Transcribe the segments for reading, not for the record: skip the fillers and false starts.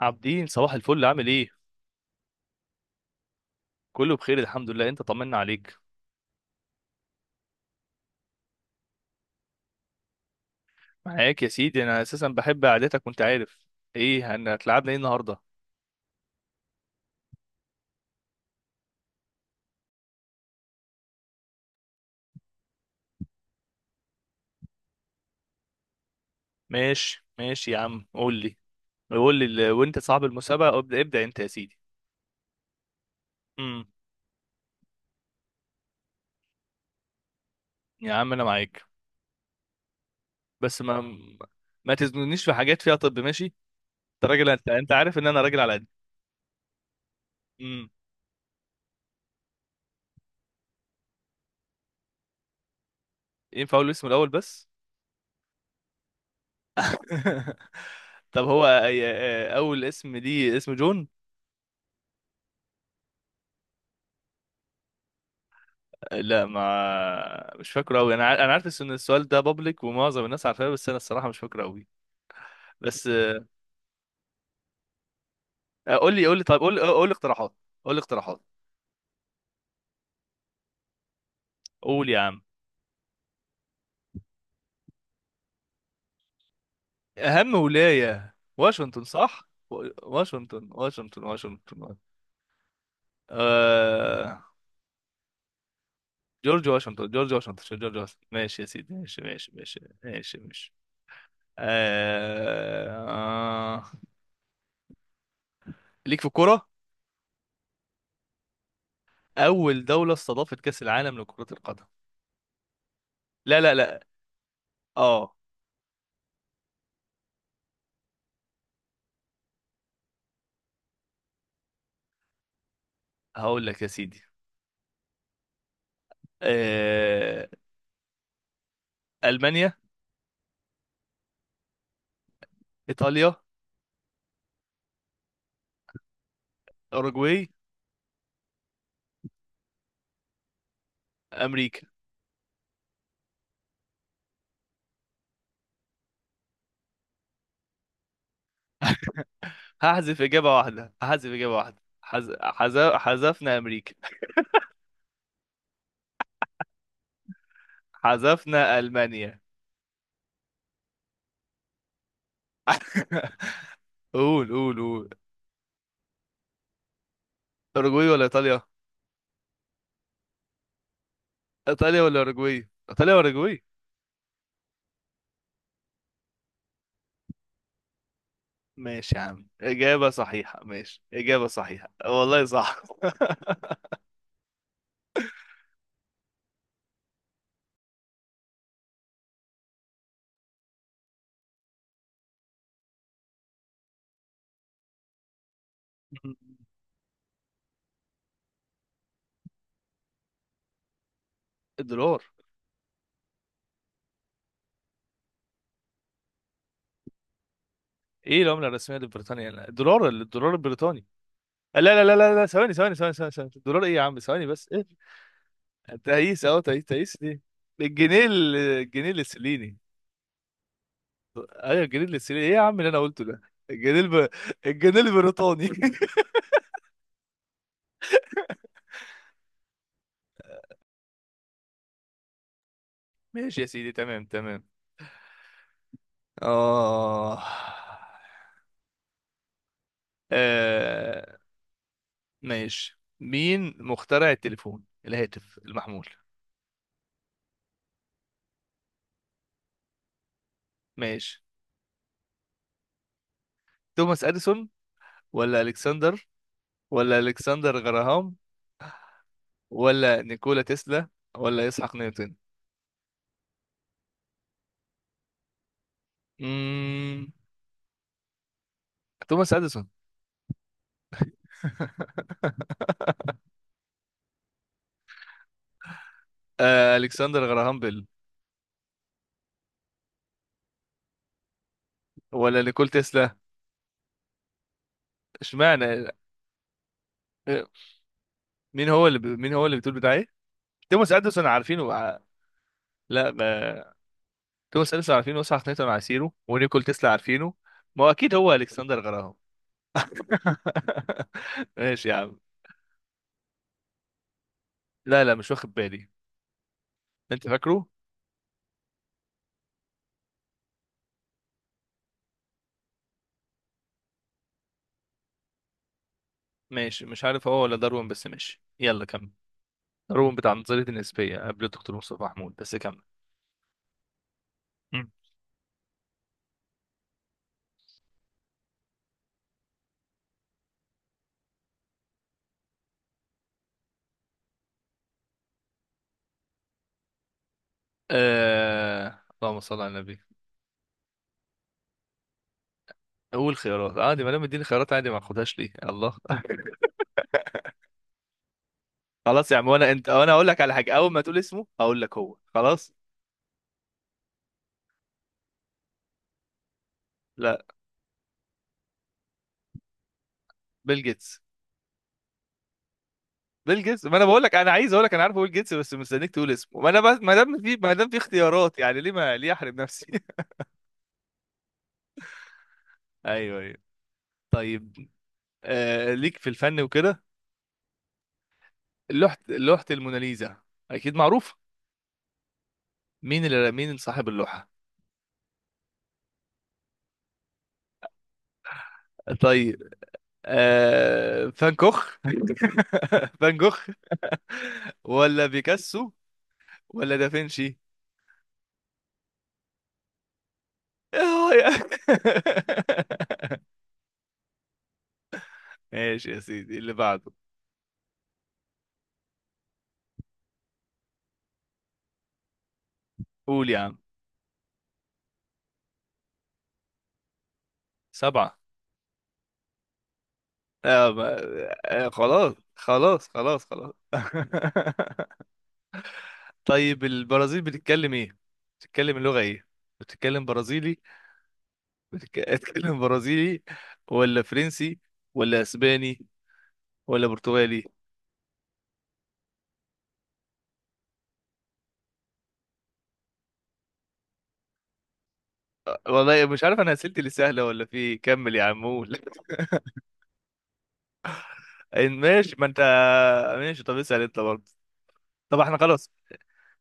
عابدين، صباح الفل، عامل ايه؟ كله بخير الحمد لله. انت طمنا عليك. معاك يا سيدي، انا اساسا بحب قعدتك وانت عارف. ايه هتلعبنا ايه النهارده؟ ماشي ماشي يا عم قول لي. قول لي وانت صاحب المسابقه، ابدا ابدا انت يا سيدي. امم يا عم انا معاك. بس ما تزنونيش في حاجات فيها. طب ماشي. انت راجل، انت عارف ان انا راجل على قد. امم ينفع اقول اسمه الاول بس؟ طب هو اول اسم دي اسم جون؟ لا، ما مش فاكره قوي. انا عارف ان السؤال ده بابليك ومعظم الناس عارفاه، بس انا الصراحه مش فاكره قوي. بس آه، قول لي قول لي. طيب قول لي قول لي اقتراحات. قول لي اقتراحات. قول يا عم. اهم ولايه واشنطن، صح؟ واشنطن واشنطن واشنطن. آه... جورج واشنطن، جورج واشنطن، مش جورج واشنطن؟ ماشي يا سيدي، ماشي ماشي ماشي ماشي ماشي. آه... آه... ليك في الكوره. اول دوله استضافت كاس العالم لكره القدم. لا لا لا. اه. هقول لك يا سيدي. آه، المانيا. ايطاليا. اوروجواي. امريكا. هحذف اجابه واحده، هحذف اجابه واحده. حذفنا امريكا. حذفنا المانيا. قول قول قول. اوروجواي ولا ايطاليا؟ ايطاليا ولا اوروجواي؟ ايطاليا ولا اوروجواي؟ ماشي يا عم، اجابه صحيحه. ماشي، اجابه صحيحه والله، صح. الدولار. ايه العمله الرسميه لبريطانيا؟ الدولار، الدولار البريطاني. لا لا لا لا لا، ثواني ثواني ثواني ثواني ثواني. الدولار؟ ايه يا عم، ثواني بس. إيه؟ تقيس اهو، تقيس، تقيس ليه؟ الجنيه الجنيه الاسترليني. ايوه الجنيه الاسترليني. ايه يا عم اللي انا قلته ده؟ الجنيه الجنيه البريطاني. ماشي يا سيدي، تمام تمام. اه. آه، ماشي. مين مخترع التليفون، الهاتف المحمول؟ ماشي. توماس اديسون، ولا الكسندر، ولا الكسندر غراهام، ولا نيكولا تسلا، ولا اسحاق نيوتن؟ امم توماس اديسون. آه الكسندر غراهام بيل، ولا نيكول تسلا. اشمعنى؟ آه، مين هو مين هو اللي بتقول بتاع ايه؟ توماس اديسون عارفينه، لا ما... توماس اديسون عارفينه، وساعة نيوتن عارفينه، ونيكول تسلا عارفينه. ما هو اكيد هو الكسندر غراهام. ماشي يا عم. لا لا، مش واخد بالي. انت فاكره؟ ماشي، مش عارف هو ولا داروين، بس ماشي يلا كمل. داروين بتاع نظرية النسبية قبل الدكتور مصطفى محمود، بس كمل. مم. آه... اللهم صل على النبي. قول خيارات عادي، ما دام اديني خيارات عادي ما اخدهاش ليه؟ الله. خلاص يا عم، وانا اقول لك على حاجه، اول ما تقول اسمه هقول لك هو، خلاص. لا. بيل جيتس. بيل جيتس، ما انا بقول لك انا عايز اقول لك، انا عارفه بيل جيتس، بس مستنيك تقول اسمه. ما انا بس ما دام في اختيارات يعني ليه، ما ليه احرم نفسي؟ ايوه ايوه. طيب. آه ليك في الفن وكده. لوحة، لوحة الموناليزا، اكيد معروف. مين صاحب اللوحة؟ طيب. آه فان كوخ. فان كوخ، ولا بيكاسو، ولا دافنشي. آه، يا- ماشي يا سيدي، اللي بعده. قول يا عم. سبعة. آه ما... آه خلاص خلاص خلاص خلاص. طيب البرازيل بتتكلم ايه؟ بتتكلم اللغة ايه؟ بتتكلم برازيلي. بتتكلم برازيلي، ولا فرنسي، ولا اسباني، ولا برتغالي؟ والله مش عارف، انا اسئلتي اللي سهلة ولا في إيه. كمل يا عم قول. ماشي، ما انت. ماشي، طب اسأل انت برضه. طب احنا خلاص.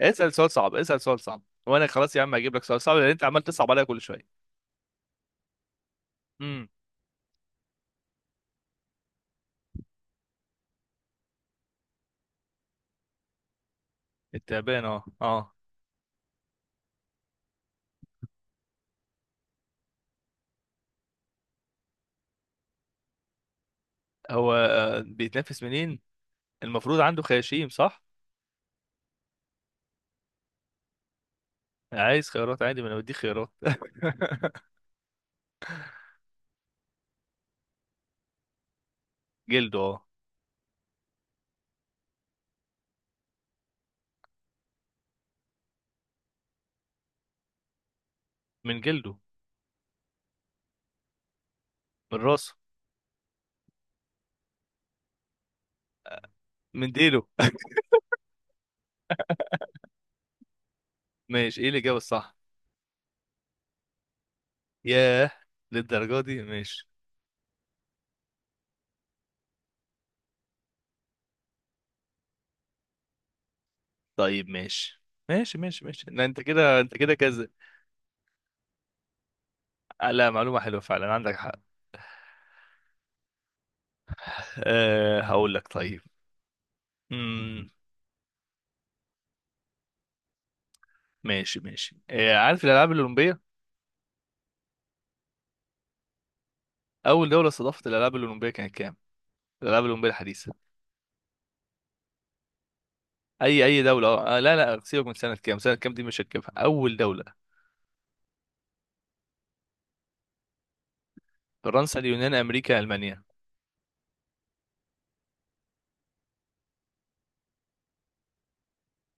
اسأل سؤال صعب، اسأل سؤال صعب، وانا خلاص يا عم هجيب لك سؤال صعب، لان انت عمال تصعب عليا كل شوية. التعبان، اه اه. هو آه، بيتنافس منين؟ المفروض عنده خياشيم، صح؟ عايز خيارات عادي، ما انا بديك خيارات. جلده، اه. من جلده. من راسه. من ديله. ماشي، ايه الاجابه الصح؟ ياه، للدرجه دي؟ ماشي. طيب ماشي ماشي ماشي ماشي. لا انت كده، انت كده كذا. آه، لا معلومه حلوه فعلا، عندك حق. أه هقول لك. طيب. امم ماشي ماشي. أه عارف الالعاب الاولمبيه؟ اول دوله استضافت الالعاب الاولمبيه كانت كام؟ الالعاب الاولمبيه الحديثه. اي اي دوله. آه لا لا، سيبك من سنه كام، سنه كام دي مش هتجيبها، اول دوله. فرنسا، اليونان، امريكا، المانيا.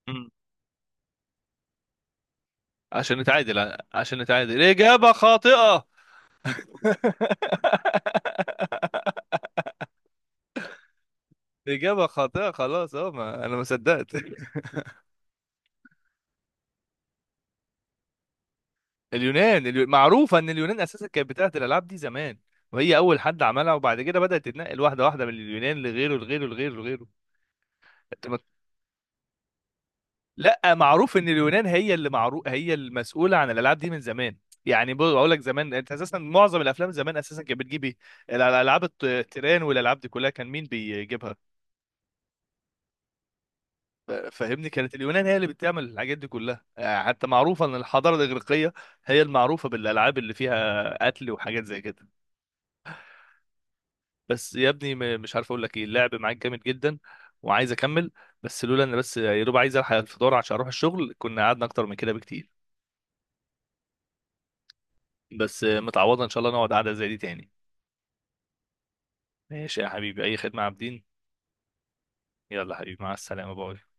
مم. عشان نتعادل، عشان نتعادل، اجابه خاطئه. اجابه خاطئه خلاص، اه ما انا ما صدقت. اليونان. معروفه ان اليونان اساسا كانت بتاعت الالعاب دي زمان، وهي اول حد عملها، وبعد كده بدات تتنقل واحده واحده من اليونان لغيره لغيره لغيره لغيره. لا، معروف ان اليونان هي اللي، معروف هي المسؤوله عن الالعاب دي من زمان. يعني بقول لك، زمان انت اساسا معظم الافلام زمان اساسا كانت بتجيب ايه؟ الالعاب التيران والالعاب دي كلها، كان مين بيجيبها؟ فاهمني، كانت اليونان هي اللي بتعمل الحاجات دي كلها. آه، حتى معروفه ان الحضاره الاغريقيه هي المعروفه بالالعاب اللي فيها قتل وحاجات زي كده. بس يا ابني، مش عارف اقول لك ايه، اللعب معاك جامد جدا، وعايز اكمل، بس لولا ان، بس يا دوب عايز الحق الفطار عشان اروح الشغل، كنا قعدنا اكتر من كده بكتير. بس متعوضة ان شاء الله، نقعد قعدة زي دي تاني. ماشي يا حبيبي، اي خدمة يا عابدين. يلا حبيبي، مع السلامة، باي.